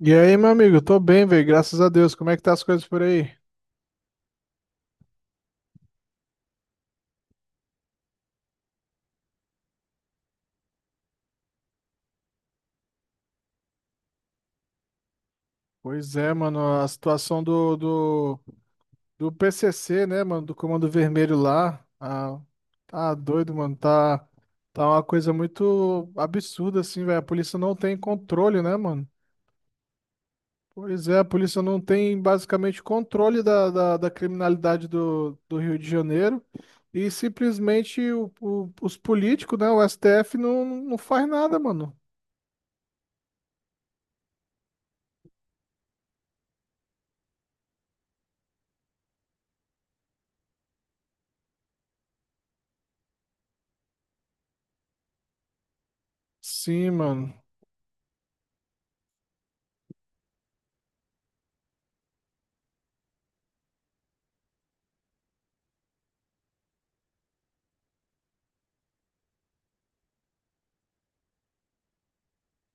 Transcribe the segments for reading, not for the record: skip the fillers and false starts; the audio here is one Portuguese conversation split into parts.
E aí, meu amigo, tô bem, velho, graças a Deus. Como é que tá as coisas por aí? Pois é, mano, a situação do PCC, né, mano, do Comando Vermelho lá, tá doido, mano, tá uma coisa muito absurda, assim, velho. A polícia não tem controle, né, mano? Pois é, a polícia não tem basicamente controle da criminalidade do Rio de Janeiro e simplesmente os políticos, né, o STF não faz nada, mano. Sim, mano.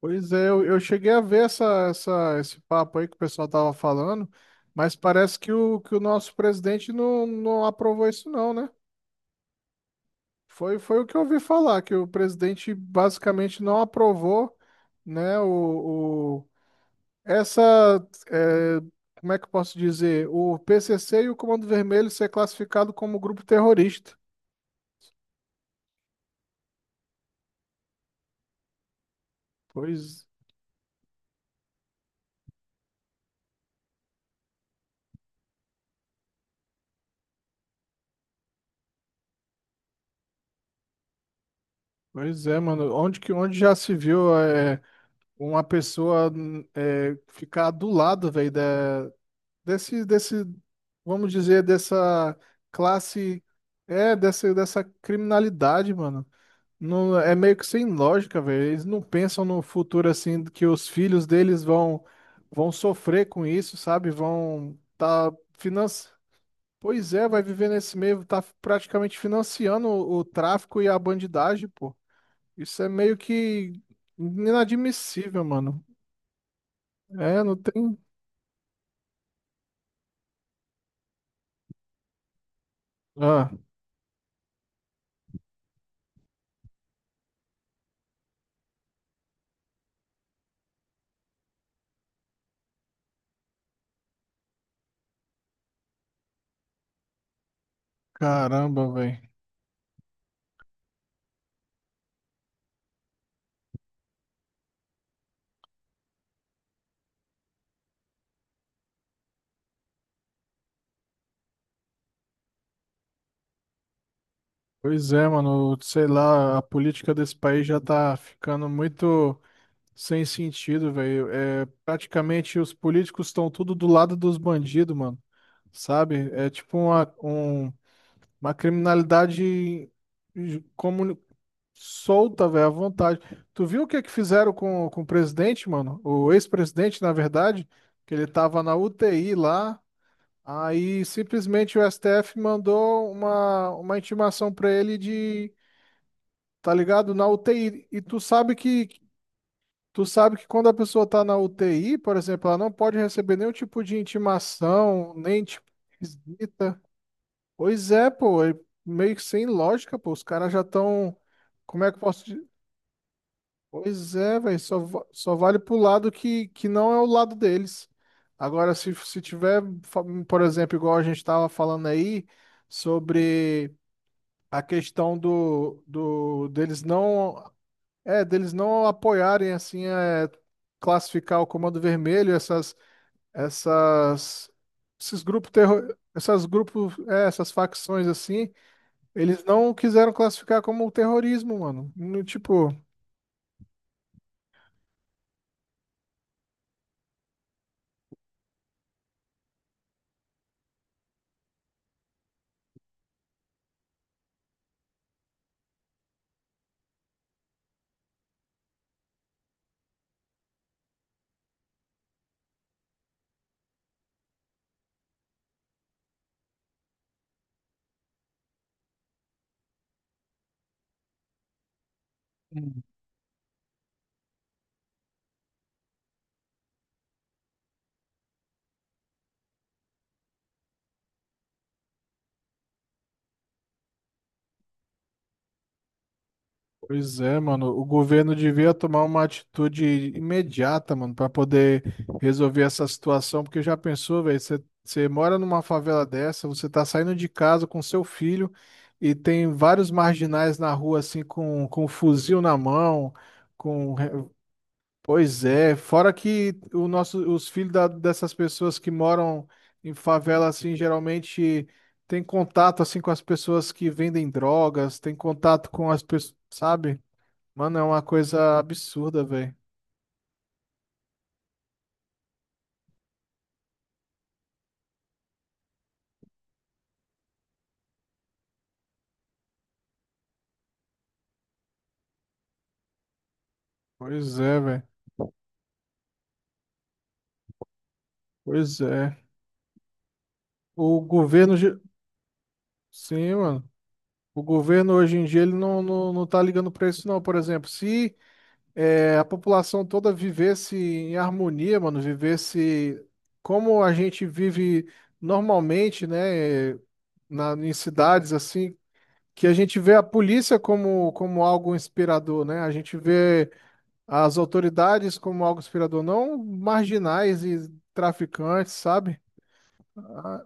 Pois é, eu cheguei a ver esse papo aí que o pessoal tava falando, mas parece que o nosso presidente não aprovou isso não, né? Foi o que eu ouvi falar, que o presidente basicamente não aprovou, né, essa, é, como é que eu posso dizer, o PCC e o Comando Vermelho ser classificado como grupo terrorista. Pois, pois é, mano, onde já se viu uma pessoa ficar do lado, velho, desse, desse, vamos dizer, dessa classe, dessa criminalidade, mano. Não, é meio que sem lógica, velho. Eles não pensam no futuro assim, que os filhos deles vão sofrer com isso, sabe? Finance... Pois é, vai viver nesse meio, tá praticamente financiando o tráfico e a bandidagem, pô. Isso é meio que inadmissível, mano. É, não tem. Ah, caramba, velho. Pois é, mano, sei lá, a política desse país já tá ficando muito sem sentido, velho. É, praticamente os políticos estão tudo do lado dos bandidos, mano, sabe? É tipo uma criminalidade como solta, velho, à vontade. Tu viu o que é que fizeram com o presidente, mano? O ex-presidente, na verdade, que ele tava na UTI lá, aí simplesmente o STF mandou uma intimação pra ele de tá ligado? Na UTI. E tu sabe que quando a pessoa tá na UTI, por exemplo, ela não pode receber nenhum tipo de intimação, nem tipo de visita. Pois é, pô, é meio que sem lógica, pô. Os caras já estão. Como é que eu posso. Pois é, velho, só vale pro lado que não é o lado deles. Agora, se tiver, por exemplo, igual a gente tava falando aí, sobre a questão do deles não. É, deles não apoiarem assim classificar o Comando Vermelho, essas essas esses grupos terror, essas facções assim, eles não quiseram classificar como terrorismo, mano. No, tipo, hum. Pois é, mano. O governo devia tomar uma atitude imediata, mano, para poder resolver essa situação, porque já pensou, velho, você mora numa favela dessa, você tá saindo de casa com seu filho e tem vários marginais na rua, assim, com um fuzil na mão, com... re- pois é, fora que o nosso, os filhos dessas pessoas que moram em favela, assim, geralmente tem contato, assim, com as pessoas que vendem drogas, tem contato com as pessoas, sabe? Mano, é uma coisa absurda, velho. Pois é, velho. Pois é. O governo. ge- Sim, mano. O governo hoje em dia ele não tá ligando pra isso, não. Por exemplo, se a população toda vivesse em harmonia, mano, vivesse como a gente vive normalmente, né? Em cidades assim, que a gente vê a polícia como algo inspirador, né? A gente vê. As autoridades, como algo inspirador, não marginais e traficantes, sabe? Ah.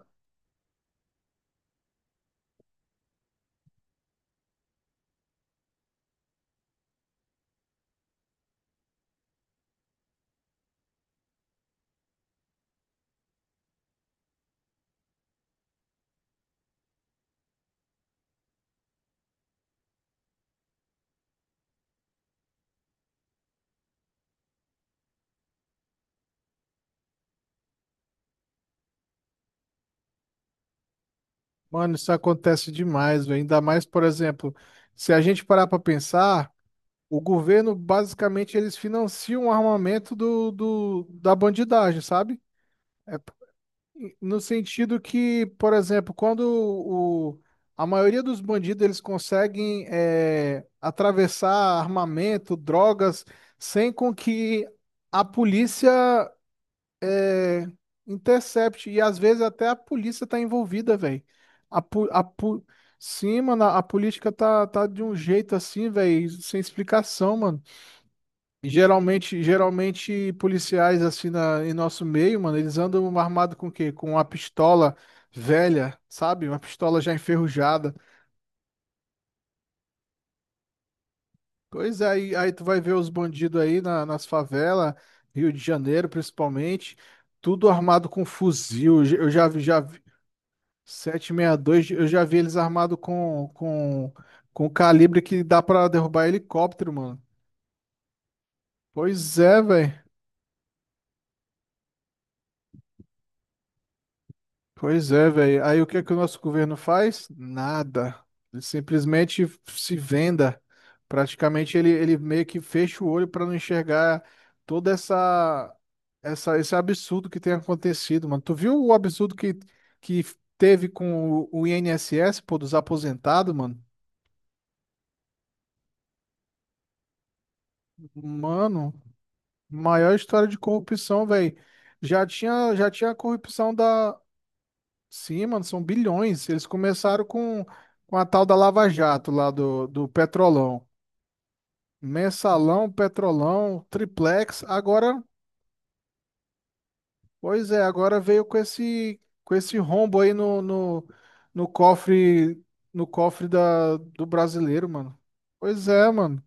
Mano, isso acontece demais, velho. Ainda mais, por exemplo, se a gente parar para pensar, o governo, basicamente, eles financiam o armamento da bandidagem, sabe? É, no sentido que, por exemplo, quando a maioria dos bandidos, eles conseguem atravessar armamento, drogas, sem com que a polícia intercept. E às vezes até a polícia tá envolvida, velho. A, po- a, po- Sim, mano, a política tá de um jeito assim, velho, sem explicação, mano. Geralmente policiais assim em nosso meio, mano, eles andam armados com o quê? Com uma pistola velha, sabe? Uma pistola já enferrujada. Pois é, aí tu vai ver os bandidos aí nas favelas, Rio de Janeiro principalmente, tudo armado com fuzil. Eu já vi- Sete e meia dois eu já vi eles armados com, com calibre que dá pra derrubar helicóptero, mano. Pois é, velho. Pois é, velho. Aí o que é que o nosso governo faz? Nada. Ele simplesmente se venda. Praticamente ele meio que fecha o olho para não enxergar toda essa, essa esse absurdo que tem acontecido, mano. Tu viu o absurdo que teve com o INSS, pô, dos aposentados, mano? Mano. Maior história de corrupção, velho. Já tinha a corrupção da. Sim, mano, são bilhões. Eles começaram com a tal da Lava Jato lá do Petrolão. Mensalão, Petrolão, Triplex. Agora veio com esse rombo aí no cofre, no cofre do brasileiro, mano. Pois é, mano.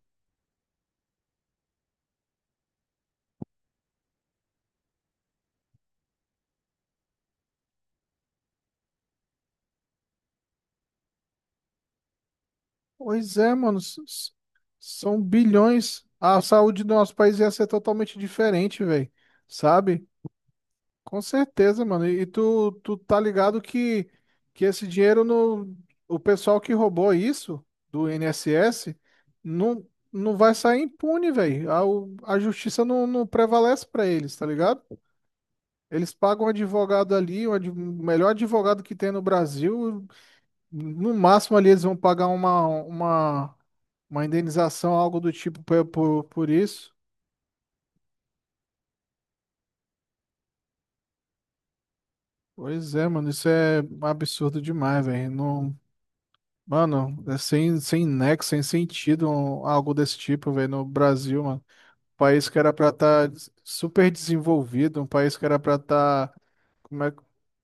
Pois é, mano. São bilhões. A saúde do nosso país ia ser totalmente diferente, velho. Sabe? Com certeza, mano. E tu tá ligado que esse dinheiro no. O pessoal que roubou isso do INSS não, não vai sair impune, velho. A justiça não prevalece pra eles, tá ligado? Eles pagam um advogado ali, o melhor advogado que tem no Brasil. No máximo ali eles vão pagar uma indenização, algo do tipo por isso. Pois é, mano, isso é absurdo demais, velho. Não, mano, é sem nexo, sem sentido algo desse tipo, velho, no Brasil, mano. Um país que era pra estar super desenvolvido, um país que era pra estar. Como é que.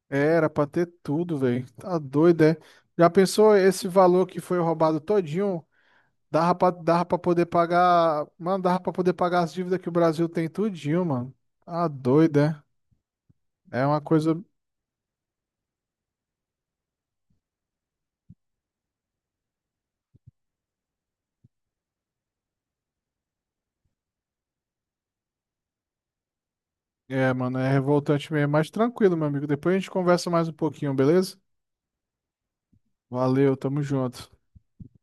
Era pra ter tudo, velho. Tá doido, é? Já pensou esse valor que foi roubado todinho? Dava pra poder pagar. Mano, dava pra poder pagar as dívidas que o Brasil tem tudinho, mano. Tá doido, é? É uma coisa. É, mano, é revoltante mesmo, mas tranquilo, meu amigo. Depois a gente conversa mais um pouquinho, beleza? Valeu, tamo junto.